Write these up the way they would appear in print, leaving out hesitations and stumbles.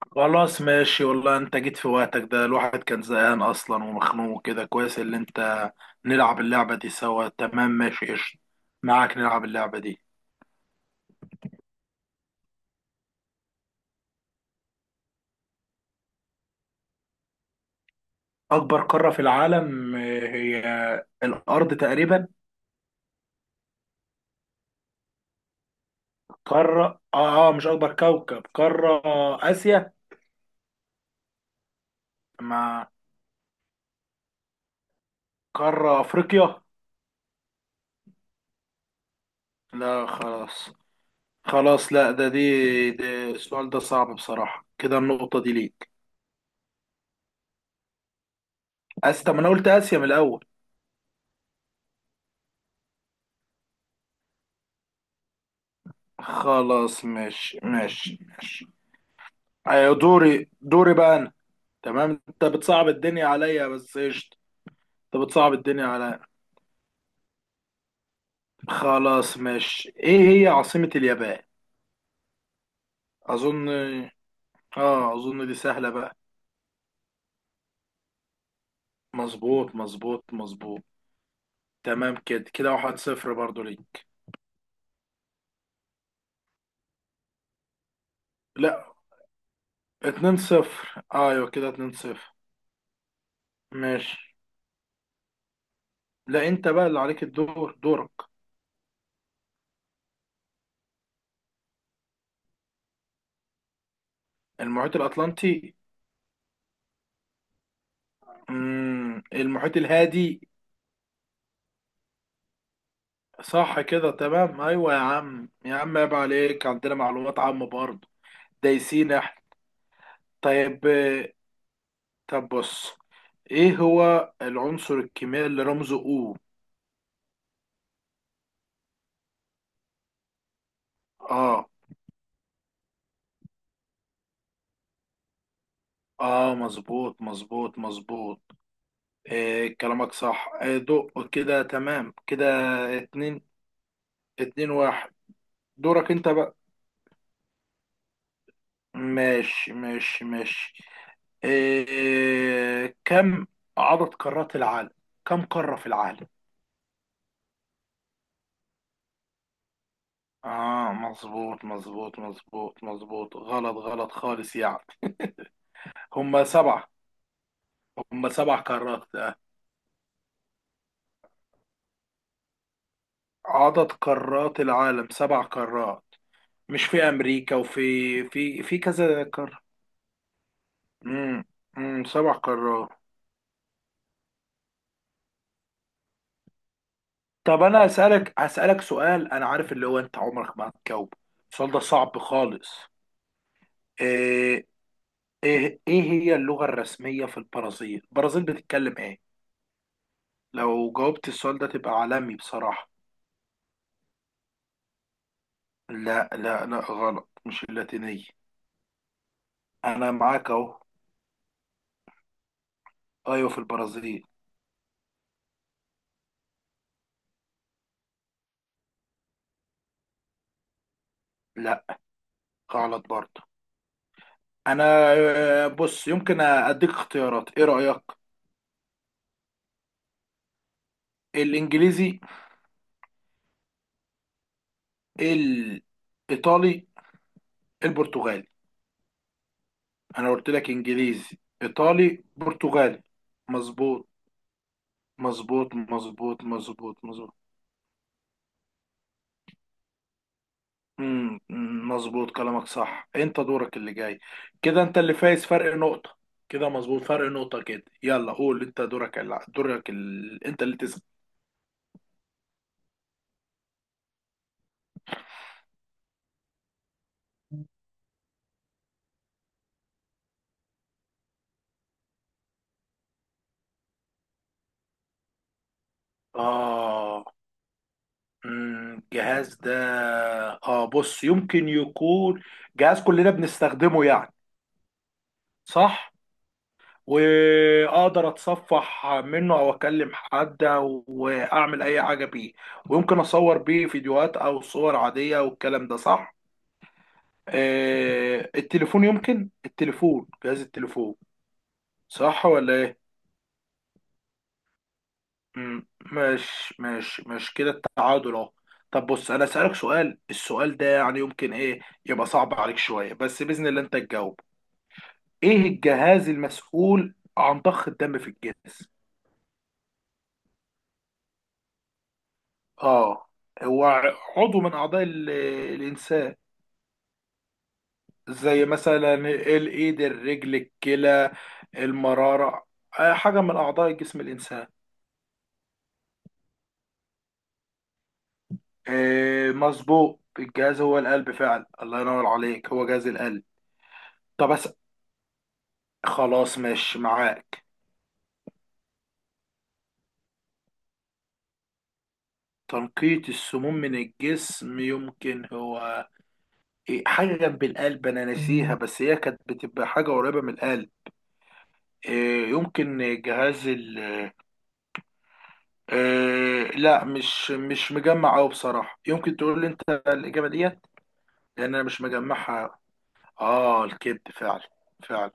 خلاص، ماشي، والله انت جيت في وقتك. ده الواحد كان زهقان اصلا ومخنوق كده. كويس اللي انت نلعب اللعبة دي سوا. تمام، ماشي، قشطة. معاك نلعب اللعبة دي. اكبر قارة في العالم هي الارض تقريبا. قارة، مش اكبر كوكب، قارة. اسيا. مع قارة افريقيا. لا، خلاص خلاص، لا ده دي السؤال ده صعب بصراحة كده. النقطة دي ليك. اسيا. طب ما انا قلت اسيا من الاول. خلاص، ماشي ماشي ماشي. أيوة، دوري دوري بقى أنا. تمام، أنت بتصعب الدنيا عليا بس قشطة. أنت بتصعب الدنيا عليا. خلاص ماشي. إيه هي عاصمة اليابان؟ أظن. أظن دي سهلة بقى. مظبوط مظبوط مظبوط. تمام كده، كده واحد صفر برضه ليك. لا، اتنين صفر، أيوة كده اتنين صفر. ماشي. لا، أنت بقى اللي عليك الدور، دورك. المحيط الأطلنطي. المحيط الهادي. صح كده تمام. ايوه يا عم يا عم، عيب عليك، عندنا معلومات عامة برضه. دايسين احنا. طيب، طب بص، ايه هو العنصر الكيميائي اللي رمزه او؟ اه اه مظبوط مظبوط مظبوط. إيه كلامك صح، إيه دق كده تمام كده. اتنين، اتنين واحد. دورك انت بقى. ماشي ماشي ماشي. إيه، كم عدد قارات العالم؟ كم قارة في العالم؟ اه مظبوط مظبوط مظبوط مظبوط، غلط غلط خالص يعني. هم سبعة، هم سبع قارات. عدد قارات العالم سبع قارات. مش في أمريكا وفي في كذا قارة. امم سبع قارات. طب أنا هسألك سؤال. أنا عارف اللي هو أنت عمرك ما هتجاوبه. السؤال ده صعب خالص. إيه إيه هي اللغة الرسمية في البرازيل؟ البرازيل بتتكلم إيه؟ لو جاوبت السؤال ده تبقى عالمي بصراحة. لا لا لا، غلط، مش اللاتينية. أنا معاك أهو. أيوة في البرازيل. لا، غلط برضه. أنا، بص، يمكن أديك اختيارات، إيه رأيك؟ الإنجليزي، الإيطالي، البرتغالي. أنا قلت لك إنجليزي إيطالي برتغالي. مظبوط مظبوط مظبوط مظبوط مظبوط. امم، مظبوط كلامك صح، انت دورك اللي جاي. كده انت اللي فايز، فرق نقطة. كده مظبوط، فرق نقطة كده. يلا قول، انت انت اللي تسأل. اه أمم، الجهاز ده، اه بص يمكن يكون جهاز كلنا بنستخدمه يعني. صح. واقدر اتصفح منه او اكلم حد واعمل اي حاجة بيه. ويمكن اصور بيه فيديوهات او صور عادية والكلام ده صح. التليفون، يمكن التليفون، جهاز التليفون، صح ولا ايه؟ ماشي ماشي ماشي، كده التعادل اهو. طب بص، انا اسالك سؤال، السؤال ده يعني يمكن ايه يبقى صعب عليك شويه، بس باذن الله انت تجاوب. ايه الجهاز المسؤول عن ضخ الدم في الجسم؟ اه هو عضو من اعضاء الانسان. زي مثلا الايد، الرجل، الكلى، المراره، حاجه من اعضاء جسم الانسان. إيه مظبوط، الجهاز هو القلب فعلا. الله ينور عليك، هو جهاز القلب. طب بس، خلاص ماشي معاك. تنقية السموم من الجسم، يمكن هو إيه حاجة جنب القلب أنا ناسيها، بس هي كانت بتبقى حاجة قريبة من القلب. إيه، يمكن جهاز ال، إيه لا، مش مجمع أوي بصراحة، يمكن تقول لي أنت الإجابة ديت. لأن أنا مش مجمعها. الكبد فعلا. فعلا.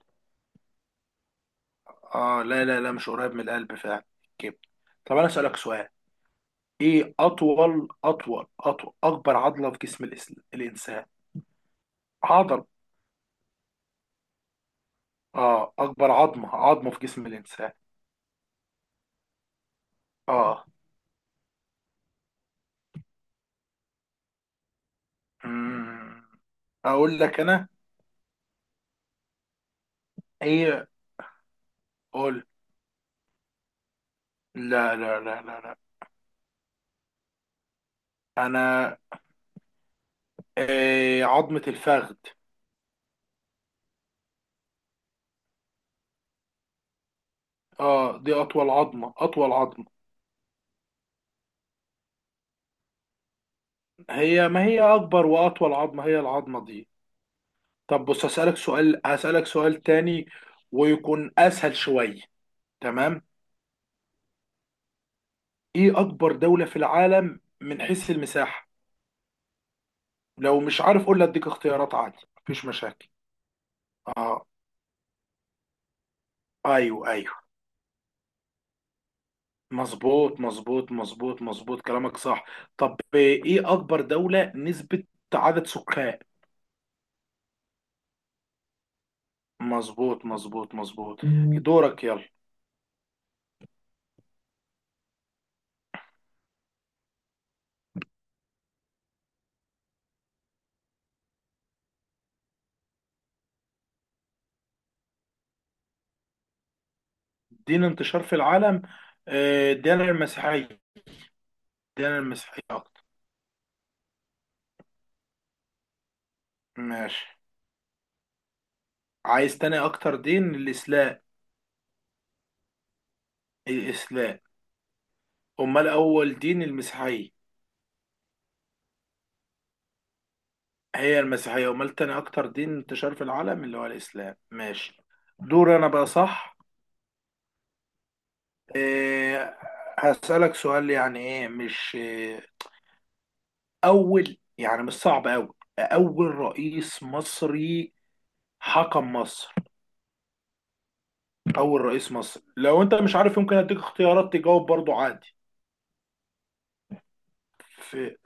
اه لا لا لا، مش قريب من القلب فعلا. الكبد. طب انا اسالك سؤال. ايه اطول اطول اطول اكبر عضله في جسم الانسان. عضل، اه اكبر عظمه في جسم الانسان. اه مم. اقول لك انا. ايه قول. لا لا لا لا لا. انا، إيه عظمه الفخذ. اه دي اطول عظمه، اطول عظمه. هي ما هي اكبر واطول عظمه هي العظمه دي. طب بص هسألك سؤال، هسألك سؤال تاني، ويكون أسهل شوية. تمام. إيه أكبر دولة في العالم من حيث المساحة؟ لو مش عارف قول لي، أديك اختيارات عادي، مفيش مشاكل. آه، أيوه أيوه. مظبوط مظبوط مظبوط مظبوط كلامك صح. طب إيه أكبر دولة نسبة عدد سكان؟ مظبوط مظبوط مظبوط. دورك يلا. دين انتشار في العالم. دين المسيحية، دين المسيحية أكتر. ماشي. عايز تاني اكتر دين؟ الاسلام. الاسلام، امال اول دين المسيحيه. هي المسيحيه، امال تاني اكتر دين انتشار في العالم اللي هو الاسلام. ماشي. دور انا بقى، صح. إيه، هسألك سؤال يعني، ايه مش إيه، اول، يعني مش صعب اوي، اول رئيس مصري حكم مصر. اول رئيس مصر، لو انت مش عارف يمكن اديك اختيارات تجاوب برضو عادي. في،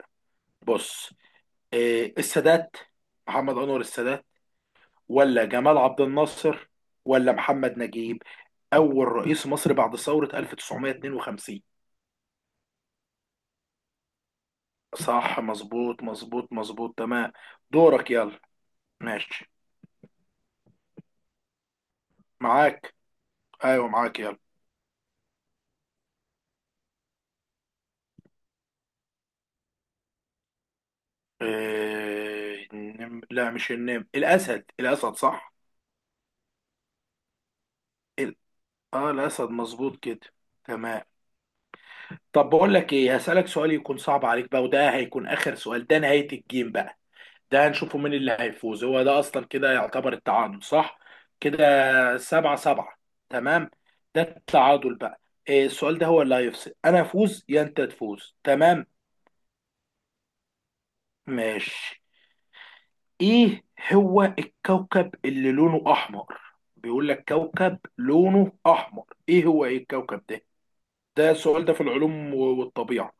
بص، إيه، السادات، محمد انور السادات، ولا جمال عبد الناصر، ولا محمد نجيب؟ أول رئيس مصر بعد ثورة 1952. صح مظبوط مظبوط مظبوط، تمام. دورك يلا. ماشي معاك. أيوه معاك يلا. إيه، لا مش النمر، الأسد، الأسد صح. ال... الأسد، مظبوط كده. تمام. طب بقول لك إيه، هسألك سؤال يكون صعب عليك بقى، وده هيكون آخر سؤال، ده نهاية الجيم بقى. ده هنشوفه مين اللي هيفوز. هو ده اصلا كده يعتبر التعادل، صح كده، سبعة سبعة، تمام. ده التعادل بقى. إيه السؤال ده هو اللي هيفصل، انا افوز يا انت تفوز. تمام. ماشي. ايه هو الكوكب اللي لونه احمر؟ بيقول لك كوكب لونه احمر، ايه هو، ايه الكوكب ده؟ ده السؤال ده في العلوم والطبيعة.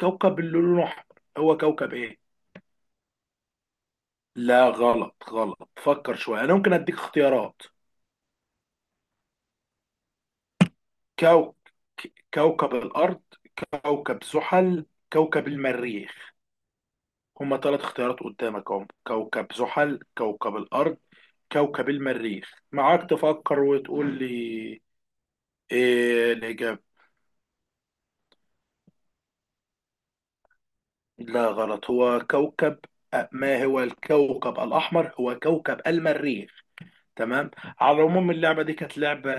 كوكب اللي لونه احمر، هو كوكب ايه؟ لا غلط، غلط، فكر شوية، انا ممكن اديك اختيارات. كو... كوكب الأرض، كوكب زحل، كوكب المريخ. هما ثلاث اختيارات قدامك اهم، كوكب زحل، كوكب الأرض، كوكب المريخ، معاك تفكر وتقول لي إيه الإجابة. لا غلط، هو كوكب، ما هو الكوكب الأحمر هو كوكب المريخ. تمام. على العموم اللعبة دي كانت لعبة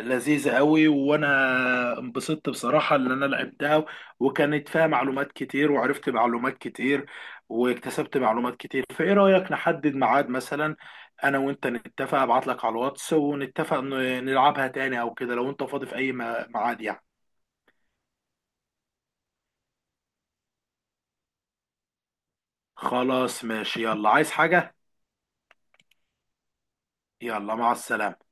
لذيذة قوي، وانا انبسطت بصراحة ان انا لعبتها. وكانت فيها معلومات كتير، وعرفت معلومات كتير، واكتسبت معلومات كتير. فايه رأيك نحدد ميعاد مثلا، انا وانت نتفق، ابعت لك على الواتس ونتفق نلعبها تاني او كده، لو انت فاضي في اي ميعاد يعني. خلاص ماشي، يلا عايز حاجة؟ يلا، مع السلامة.